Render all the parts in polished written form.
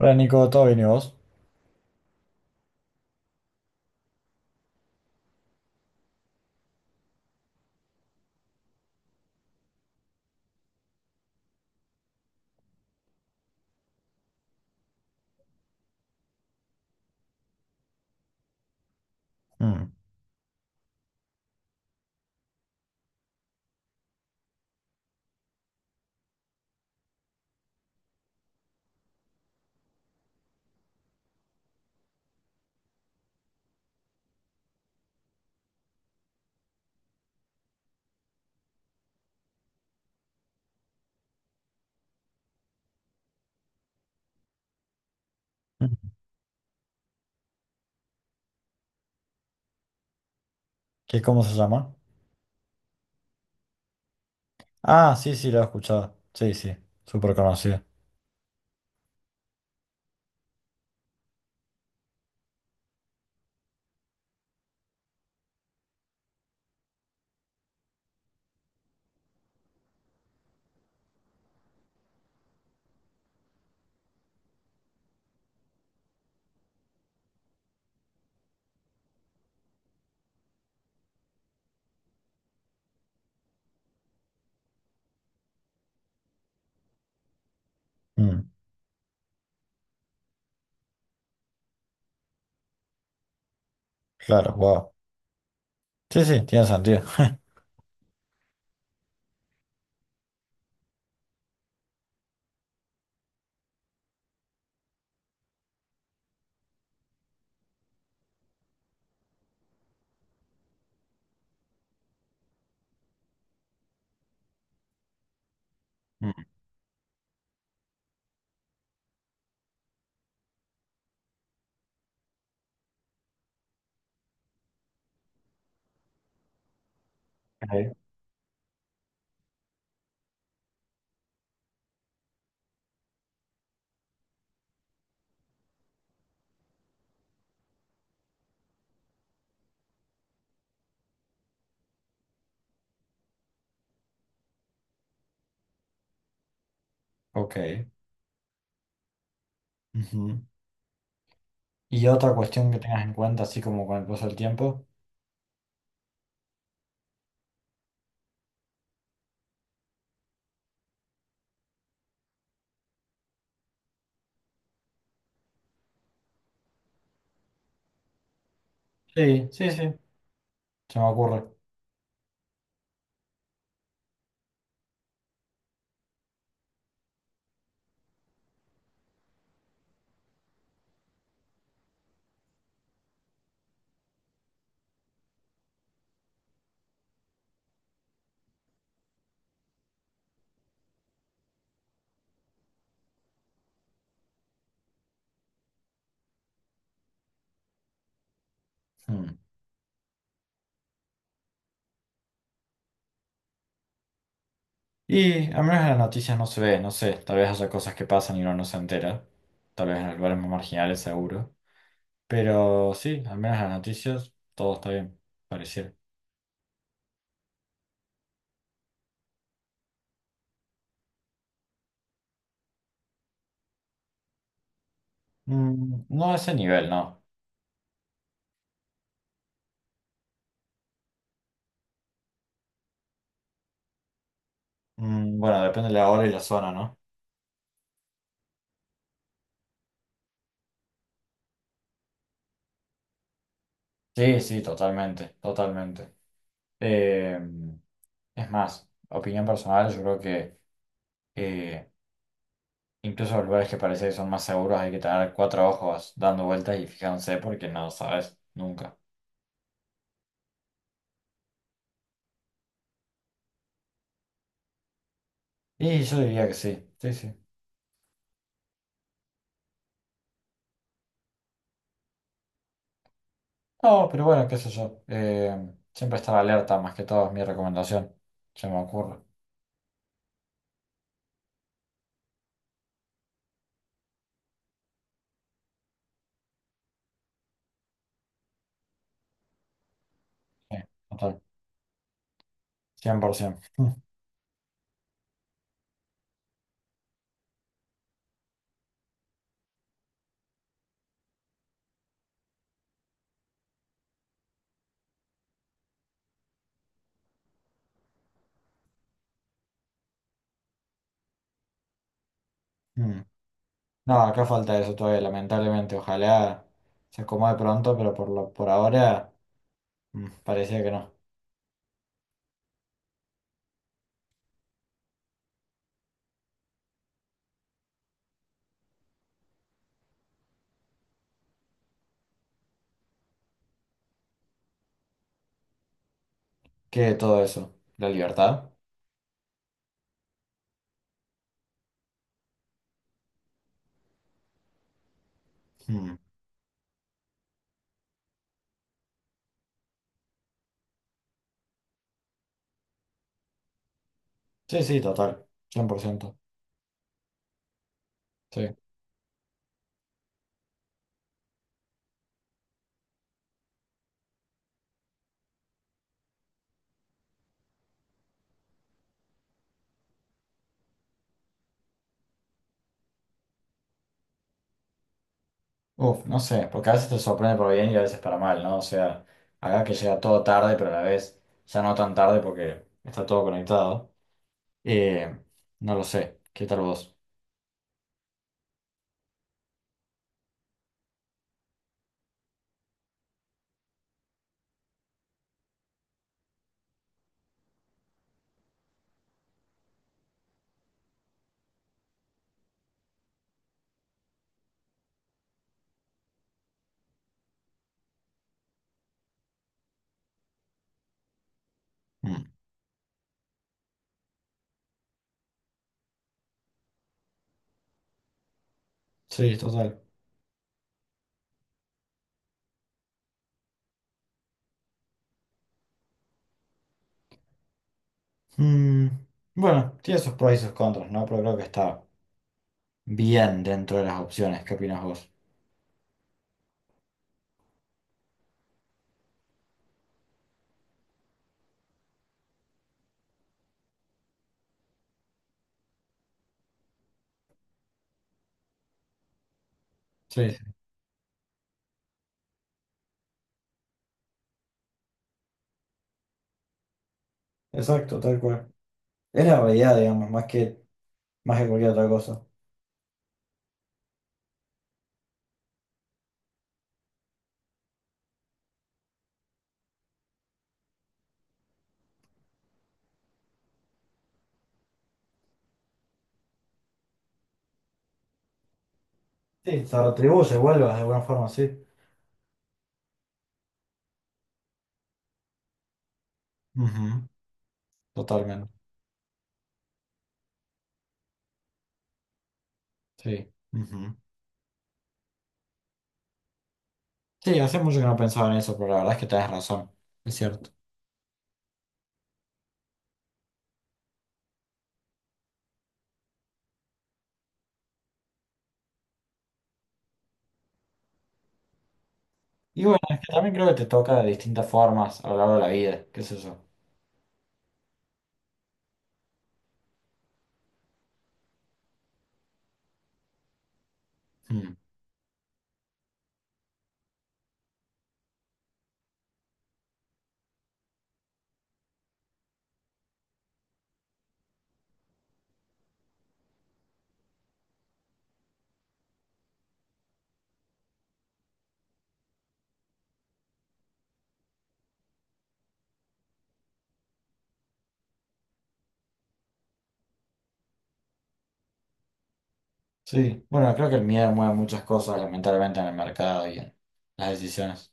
Hola Nico, ¿todo bien y vos? Mm. ¿Qué, cómo se llama? Ah, sí, sí, lo he escuchado. Sí, sí, súper conocido. Mm. Claro, wow. Sí, sí, tiene sentido. Mm. Ok, ok. Ujú. ¿Y otra cuestión que tengas en cuenta, así como con el paso del tiempo? Sí, sí, sí, se me ocurre. Mm. Y al menos en las noticias no se ve, no sé, tal vez haya cosas que pasan y uno no se entera. Tal vez en los lugares más marginales, seguro. Pero sí, al menos en las noticias todo está bien, pareciera. Mm, no a ese nivel, no. Mm, bueno, depende de la hora y la zona, ¿no? Sí, sí, totalmente, totalmente. Eh, es más, opinión personal, yo creo que eh, incluso los lugares que parece que son más seguros hay que tener cuatro ojos dando vueltas y fijándose porque no sabes nunca. Y yo diría que sí, sí, sí. No, pero bueno, qué sé yo. Siempre estar alerta, más que todo es mi recomendación. Se me ocurre. Sí, total, 100%. No, acá falta eso todavía, lamentablemente. Ojalá se acomode pronto, por ahora mm, parecía que no. ¿Qué todo eso? ¿La libertad? Mm. Sí, sí, total. Cien por ciento. Sí. Uf, no sé, porque a veces te sorprende para bien y a veces para mal, ¿no? O sea, acá que llega todo tarde, pero a la vez ya no tan tarde porque está todo conectado. Eh, no lo sé. ¿Qué tal vos? Mm. Sí, total. Mm, bueno, tiene sus pros y sus contras, ¿no? Pero creo que está bien dentro de las opciones. ¿Qué opinas vos? Sí, sí, exacto, tal cual. Es la habilidad, digamos, más que cualquier otra cosa. Sí, se retribuye, vuelvas de alguna forma, sí. Ujú. Totalmente, sí. Ujú. Sí, hace mucho que no pensaba en eso, pero la verdad es que tenés razón, es cierto. Y bueno, es que también creo que te toca de distintas formas a lo largo de la vida, qué sé yo. Mm. Sí, bueno, creo que el miedo mueve muchas cosas, lamentablemente, en el mercado y en las decisiones.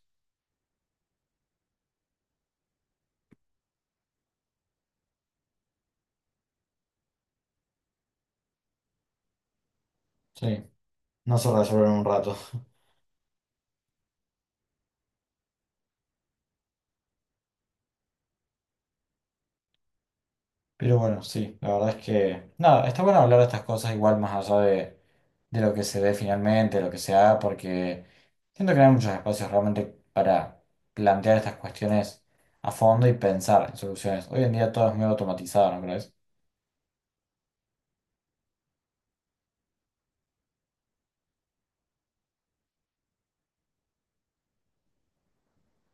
Sí, no se resuelve en un rato. Pero bueno, sí, la verdad es que, nada, está bueno hablar de estas cosas igual de lo que se dé finalmente, lo que se haga, porque siento que no hay muchos espacios realmente para plantear estas cuestiones a fondo y pensar en soluciones. Hoy en día todo es medio automatizado, ¿no crees?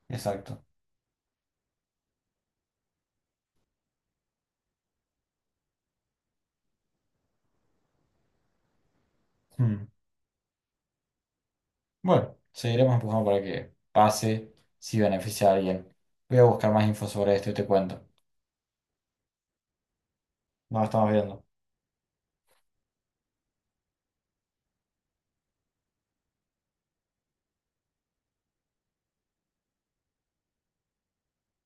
Exacto. Mm. Bueno, seguiremos empujando para que pase, si beneficia a alguien. Voy a buscar más info sobre esto y te cuento. Nos estamos viendo.